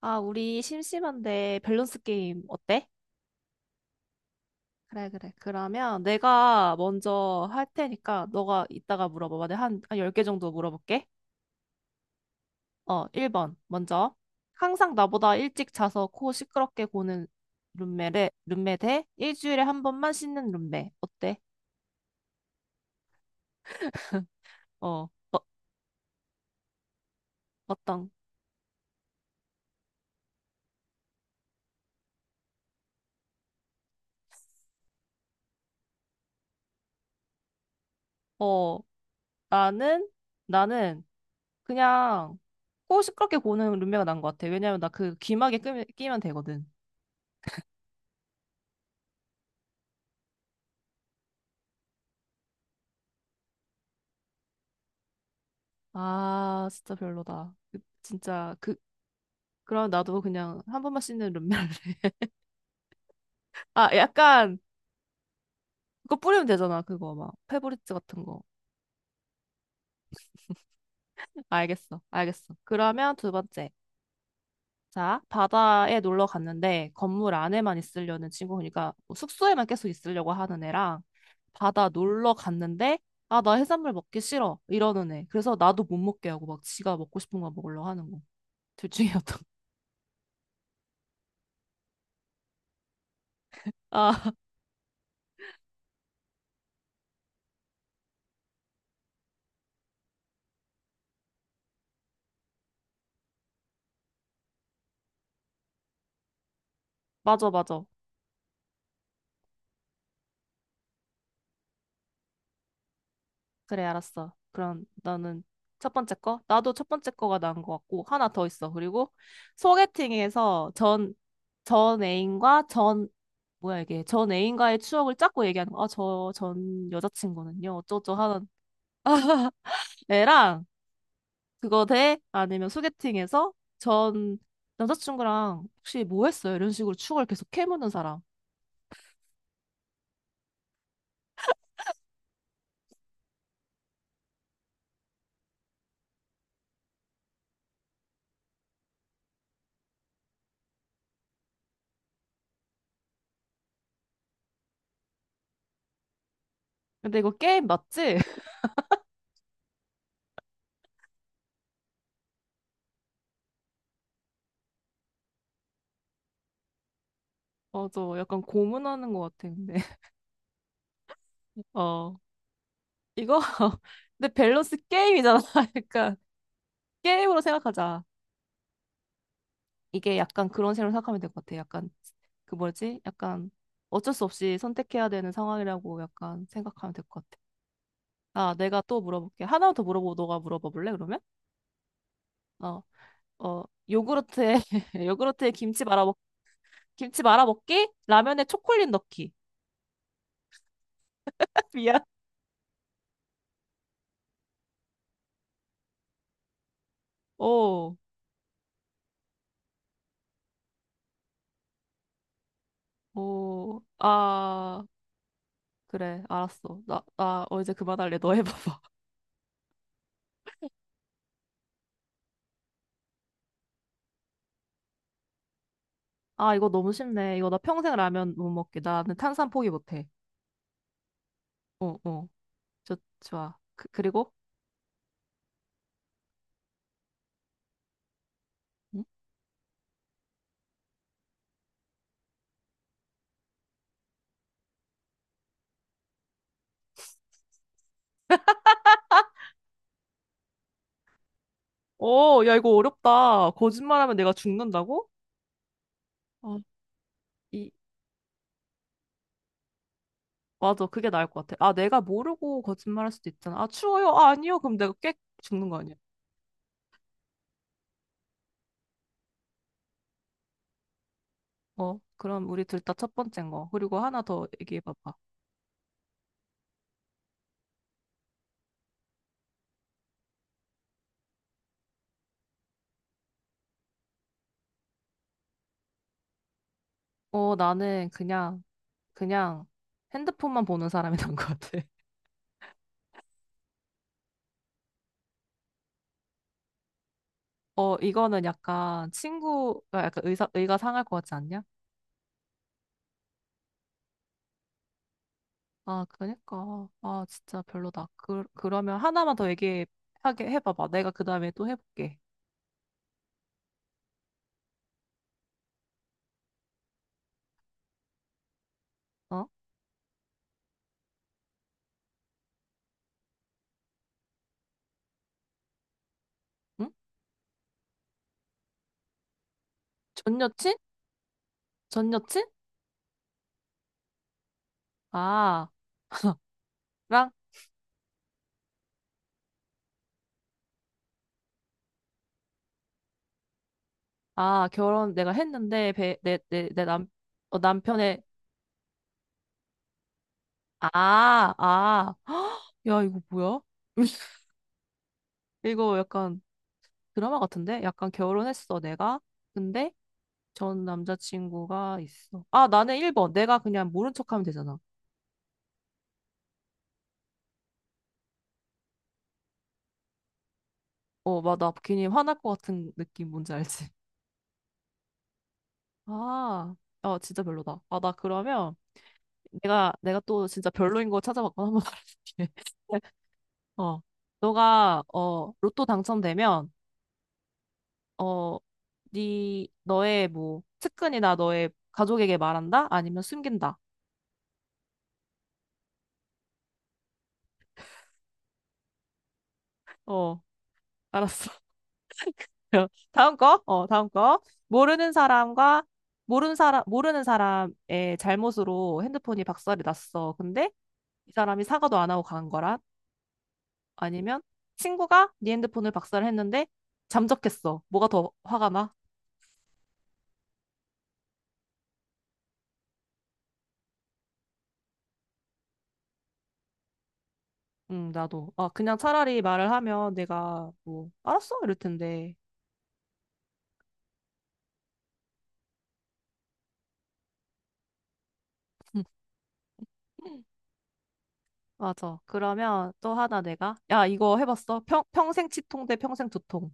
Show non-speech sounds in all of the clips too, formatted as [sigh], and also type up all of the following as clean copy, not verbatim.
아, 우리 심심한데 밸런스 게임 어때? 그래, 그래. 그러면 내가 먼저 할 테니까 너가 이따가 물어봐봐. 내가 한 10개 정도 물어볼게. 1번. 먼저. 항상 나보다 일찍 자서 코 시끄럽게 고는 룸메, 룸메 대 일주일에 한 번만 씻는 룸메. 어때? 어, 어, 어떤? 어, 나는, 나는 그냥 코 시끄럽게 고는 룸메가 난 것 같아. 왜냐면 나 그 귀마개 끼면 되거든. 아, 진짜 별로다. 진짜 그럼 나도 그냥 한 번만 씻는 룸메 할래. [laughs] 아, 약간 그거 뿌리면 되잖아. 그거 막 페브리즈 같은 거. 알겠어. 알겠어. 그러면 두 번째. 자, 바다에 놀러 갔는데 건물 안에만 있으려는 친구, 그러니까 뭐 숙소에만 계속 있으려고 하는 애랑 바다 놀러 갔는데 아, 나 해산물 먹기 싫어, 이러는 애. 그래서 나도 못 먹게 하고 막 지가 먹고 싶은 거 먹으려고 하는 거. 둘 중에 어떤 [laughs] 아, 맞아, 맞아. 그래, 알았어. 그럼 너는 첫 번째 거? 나도 첫 번째 거가 나은 것 같고, 하나 더 있어. 그리고 소개팅에서 전 애인과 전, 뭐야 이게, 전 애인과의 추억을 짰고 얘기하는 거. 아, 저 전 여자친구는요. 어쩌죠 하는 [laughs] 애랑, 그거 대 아니면 소개팅에서 전 남자친구랑 혹시 뭐 했어요? 이런 식으로 추억을 계속 캐묻는 사람. 근데 이거 게임 맞지? [laughs] 저 약간 고문하는 것 같아, 근데. [laughs] 어. 이거 [laughs] 근데 밸런스 게임이잖아. [laughs] 약간 게임으로 생각하자. 이게 약간 그런 식으로 생각하면 될 것 같아. 약간 그 뭐지? 약간 어쩔 수 없이 선택해야 되는 상황이라고 약간 생각하면 될 것 같아. 아, 내가 또 물어볼게. 하나 더 물어보고 너가 물어봐 볼래? 그러면? 어, 어, 요구르트에 [laughs] 요구르트에 김치 말아 먹기? 라면에 초콜릿 넣기. [laughs] 미안. 오, 오, 아, 그래, 알았어. 이제 그만할래. 너 해봐봐. 아, 이거 너무 쉽네. 이거 나 평생 라면 못 먹게. 나는 탄산 포기 못해. 어, 어. 좋아. 그리고? 응? 야, 이거 어렵다. 거짓말하면 내가 죽는다고? 어, 이, 맞아. 그게 나을 것 같아. 아, 내가 모르고 거짓말할 수도 있잖아. 아, 추워요? 아, 아니요. 그럼 내가 꽥 죽는 거 아니야? 그럼 우리 둘 다 첫 번째인 거. 그리고 하나 더 얘기해봐봐. 나는 그냥 핸드폰만 보는 사람이 [laughs] 난 것 같아. [laughs] 이거는 약간 친구가 약간 의가 상할 것 같지 않냐? 아, 그니까. 아, 진짜 별로다. 그러면 하나만 더 얘기하게 해봐봐. 내가 그 다음에 또 해볼게. 어? 응? 전 여친? 전 여친? 아, 랑? 아, 결혼 내가 했는데, 배, 내, 내, 내 남, 어, 남편의, 아, 아. [gasps] 헉, 야, 이거 뭐야? [laughs] 이거 약간 드라마 같은데? 약간 결혼했어, 내가. 근데 전 남자친구가 있어. 아, 나는 1번. 내가 그냥 모른 척하면 되잖아. 막, 나 괜히 화날 것 같은 느낌 뭔지 알지? 아, 진짜 별로다. 아, 나 그러면 내가 또 진짜 별로인 거 찾아봤거나 한번 말해줄게. [laughs] 어, 너가 로또 당첨되면, 어, 네, 너의 뭐, 측근이나 너의 가족에게 말한다? 아니면 숨긴다? 어, 알았어. [laughs] 다음 거? 다음 거. 모르는 사람의 잘못으로 핸드폰이 박살이 났어. 근데 이 사람이 사과도 안 하고 간 거랑, 아니면 친구가 네 핸드폰을 박살했는데 잠적했어. 뭐가 더 화가 나? 나도. 아, 그냥 차라리 말을 하면 내가 뭐 알았어 이럴 텐데. 음, 맞아. 그러면 또 하나 내가 야, 이거 해봤어? 평생 치통 대 평생 두통.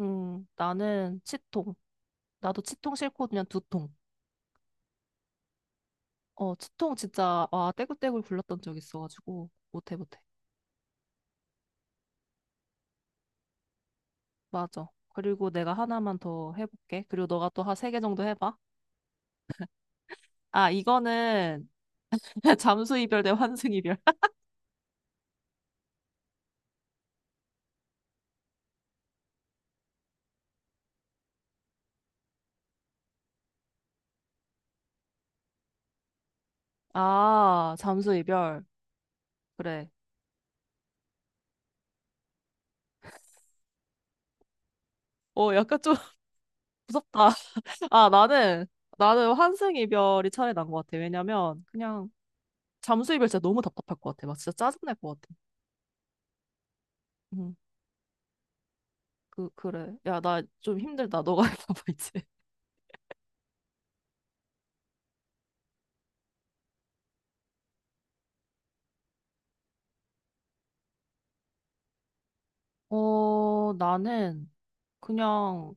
나는 치통. 나도 치통 싫고 그냥 두통. 치통 진짜 와, 떼굴떼굴 굴렀던 적 있어가지고 못해 못해. 맞아. 그리고 내가 하나만 더 해볼게. 그리고 너가 또 한 세 개 정도 해봐. 아, 이거는 [laughs] 잠수 이별 대 환승 이별. [laughs] 아, 잠수 이별. 그래. 약간 좀 [laughs] 무섭다. [laughs] 아, 나는 환승 이별이 차라리 난것 같아. 왜냐면, 그냥, 잠수 이별 진짜 너무 답답할 것 같아. 막 진짜 짜증날 것 같아. 응. 그래. 야, 나 좀 힘들다. 너가 [laughs] 해봐봐, 이제. 나는, 그냥,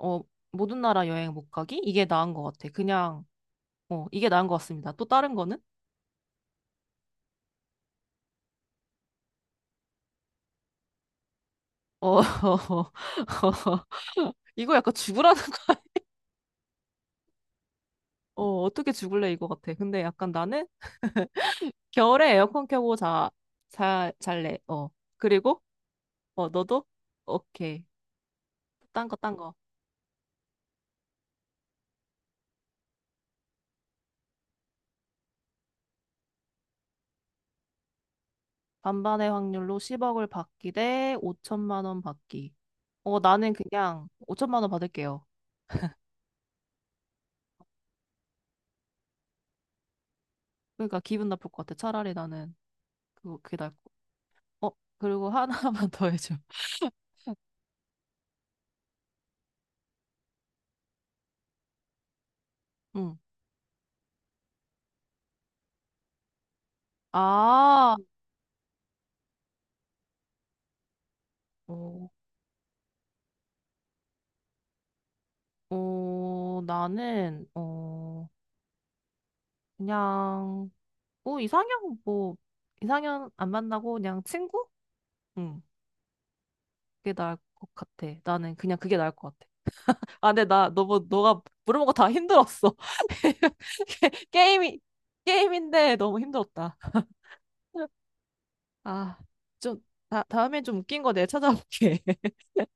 어, 모든 나라 여행 못 가기? 이게 나은 것 같아. 그냥, 이게 나은 것 같습니다. 또 다른 거는? 어, [laughs] 이거 약간 죽으라는 어떻게 죽을래 이거 같아. 근데 약간 나는 겨울에 에어컨 켜고 잘래. 어. 그리고, 너도? 오케이. 딴 거, 딴 거. 반반의 확률로 10억을 받기 대 5천만 원 받기. 나는 그냥 5천만 원 받을게요. 그러니까 기분 나쁠 것 같아. 차라리 나는 그게 나을 거. 그리고 하나만 [laughs] 더 해줘. 응. 아, 어, 나는, 그냥, 뭐 이상형 안 만나고 그냥 친구? 응. 그게 나을 것 같아. 나는 그냥 그게 나을 것 같아. 아, 근데 나 너무 너가 물어본 거 다 힘들었어. [laughs] 게- 임이 게임인데 너무 힘들었다. 아, 좀 다음에 좀 웃긴 거 내가 찾아볼게. [laughs]